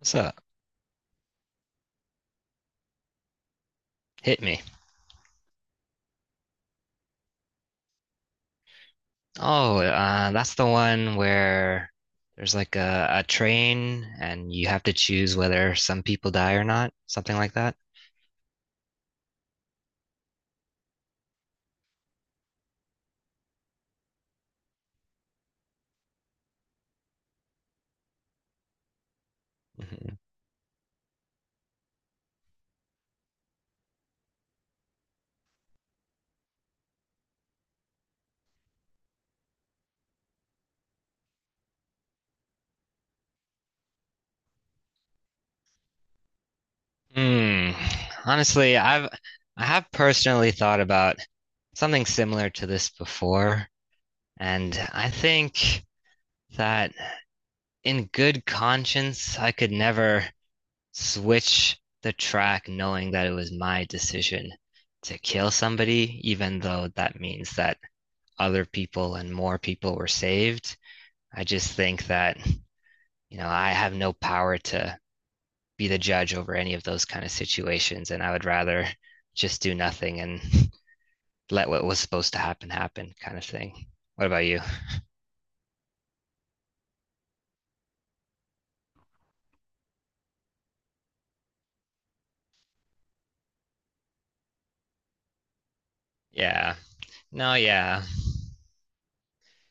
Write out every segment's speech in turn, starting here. What's up? Hit me. Oh, that's the one where there's like a train and you have to choose whether some people die or not, something like that. Mhm. Hmm. Honestly, I have personally thought about something similar to this before, and I think that in good conscience, I could never switch the track knowing that it was my decision to kill somebody, even though that means that other people and more people were saved. I just think that, I have no power to be the judge over any of those kind of situations. And I would rather just do nothing and let what was supposed to happen happen kind of thing. What about you? Yeah. No, yeah.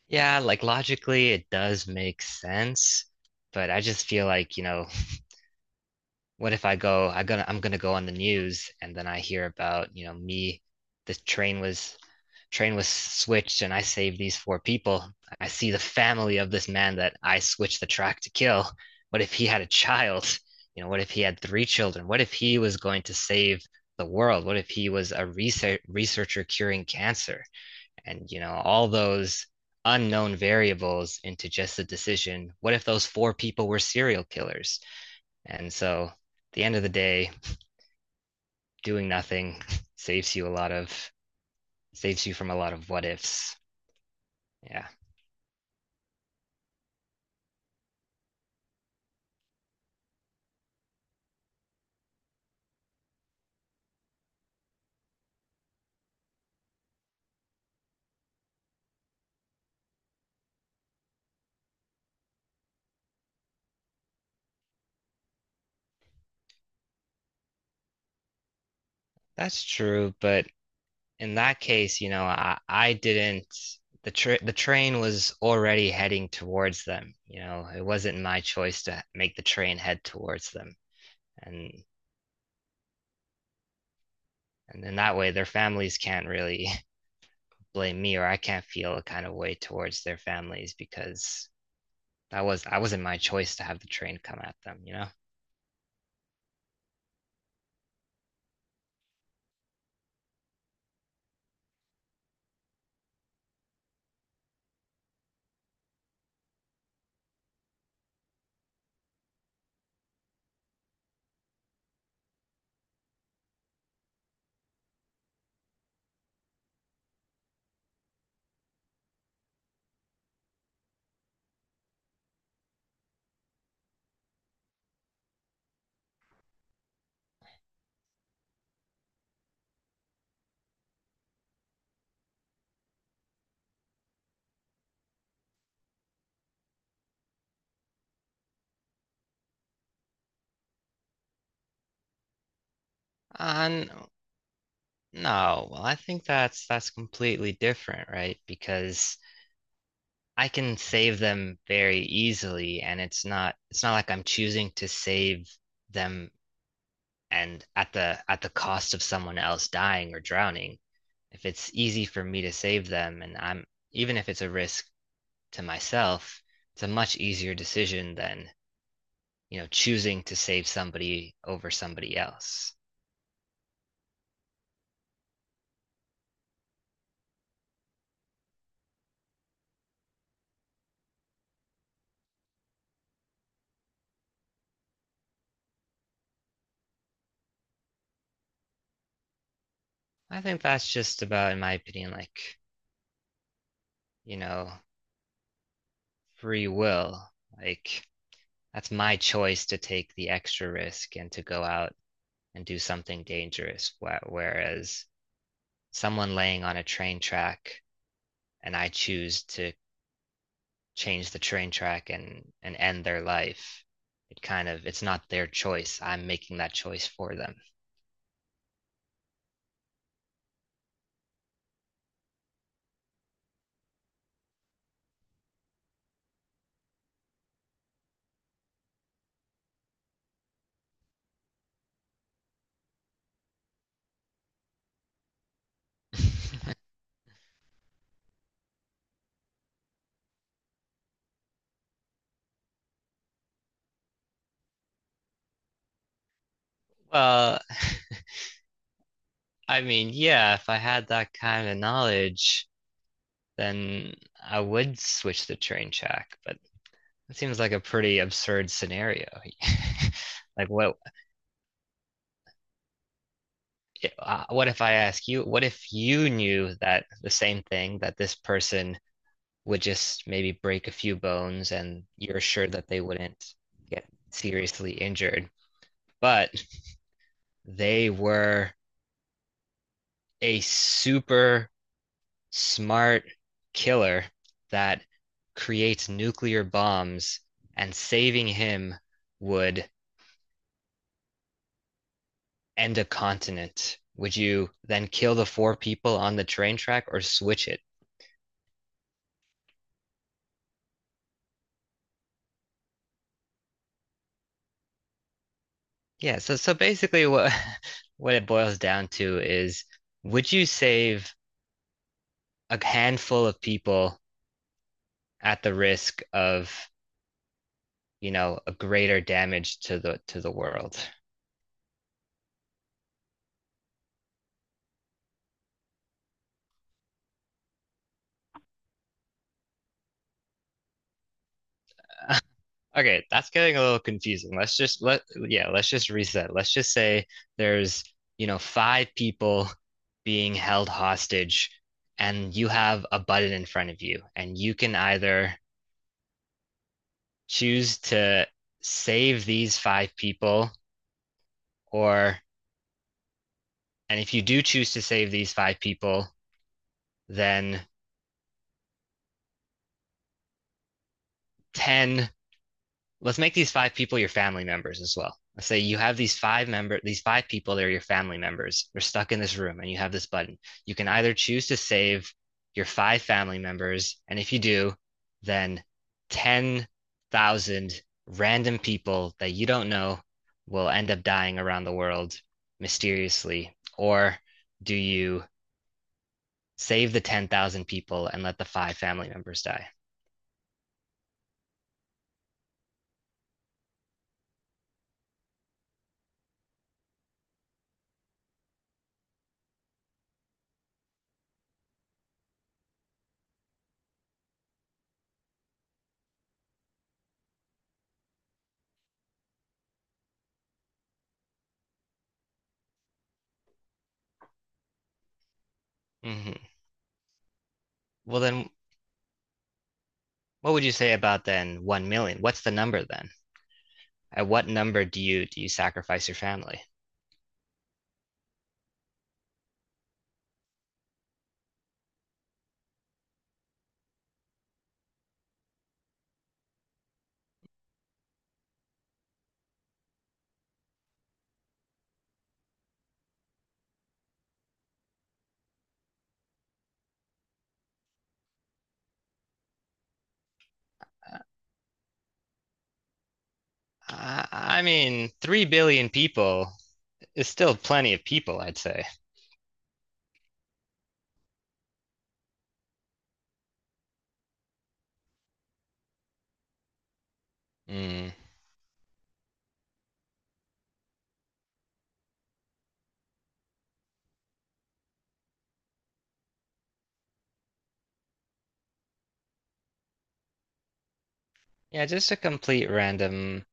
Yeah, like logically, it does make sense. But I just feel like, what if I'm gonna go on the news and then I hear about me, the train was switched and I saved these four people. I see the family of this man that I switched the track to kill. What if he had a child? What if he had three children? What if he was going to save the world? What if he was a researcher curing cancer? And all those unknown variables into just the decision. What if those four people were serial killers? And so, at the end of the day, doing nothing saves you a lot of saves you from a lot of what ifs. Yeah, that's true. But in that case, I didn't. The train was already heading towards them. It wasn't my choice to make the train head towards them. And and in that way, their families can't really blame me, or I can't feel a kind of way towards their families because that was I wasn't my choice to have the train come at them. You know. Um, No, well, I think that's completely different, right? Because I can save them very easily and it's not like I'm choosing to save them and at the cost of someone else dying or drowning. If it's easy for me to save them and I'm even if it's a risk to myself, it's a much easier decision than, choosing to save somebody over somebody else. I think that's just about, in my opinion, like, you know, free will. Like, that's my choice to take the extra risk and to go out and do something dangerous. Whereas someone laying on a train track and I choose to change the train track and end their life, it's not their choice. I'm making that choice for them. Well, I mean, yeah, if I had that kind of knowledge, then I would switch the train track, but that seems like a pretty absurd scenario. Like what what if I ask you, what if you knew that the same thing that this person would just maybe break a few bones and you're sure that they wouldn't get seriously injured, but they were a super smart killer that creates nuclear bombs and saving him would and a continent, would you then kill the four people on the train track or switch it? Yeah, so basically what what it boils down to is would you save a handful of people at the risk of, a greater damage to the world? Okay, that's getting a little confusing. Let's just let yeah, let's just reset. Let's just say there's, five people being held hostage and you have a button in front of you and you can either choose to save these five people or and if you do choose to save these five people, then 10. Let's make these five people your family members as well. Let's say you have these five people, they're your family members. They're stuck in this room and you have this button. You can either choose to save your five family members, and if you do, then 10,000 random people that you don't know will end up dying around the world mysteriously. Or do you save the 10,000 people and let the five family members die? Hmm. Well, then what would you say about then 1 million? What's the number then? At what number do you sacrifice your family? I mean, 3 billion people is still plenty of people, I'd say. Mm. Yeah, just a complete random.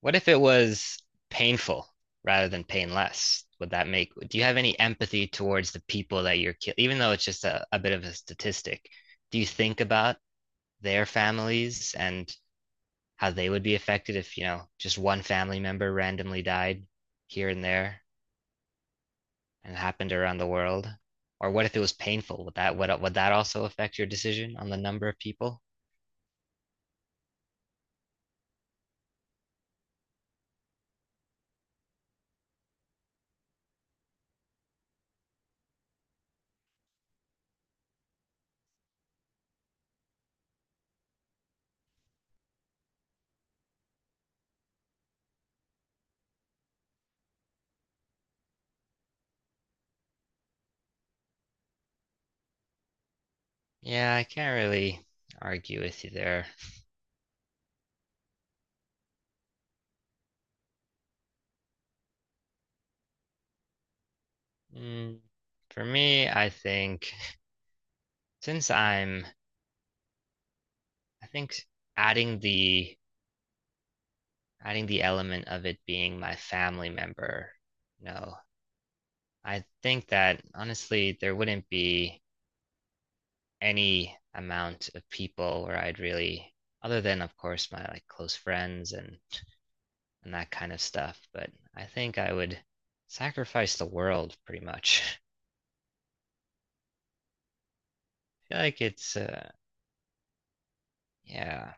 What if it was painful rather than painless? Do you have any empathy towards the people that you're killing? Even though it's just a bit of a statistic, do you think about their families and how they would be affected if, just one family member randomly died here and there, and happened around the world? Or what if it was painful? Would that also affect your decision on the number of people? Yeah, I can't really argue with you there. Mm, for me, since I'm, I think adding the adding the element of it being my family member, no, I think that honestly there wouldn't be any amount of people where I'd really, other than of course my like close friends and that kind of stuff. But I think I would sacrifice the world pretty much. I feel like yeah,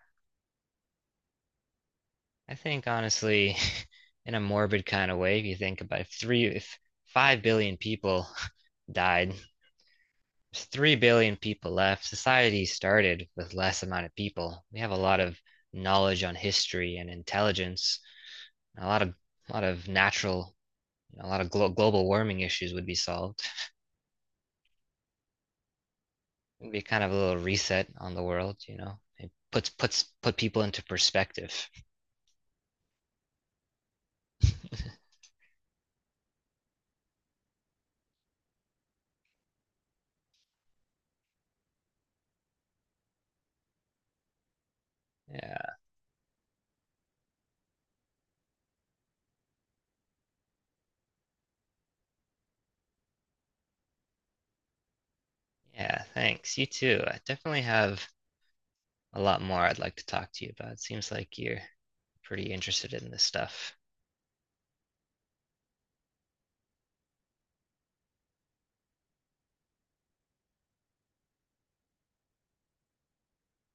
I think honestly, in a morbid kind of way, if you think about it, if 5 billion people died, there's 3 billion people left. Society started with less amount of people. We have a lot of knowledge on history and intelligence. And a lot of natural, a lot of global warming issues would be solved. It'd be kind of a little reset on the world. It puts puts put people into perspective. Yeah. Yeah, thanks. You too. I definitely have a lot more I'd like to talk to you about. It seems like you're pretty interested in this stuff.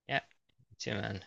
Yeah, you too, man.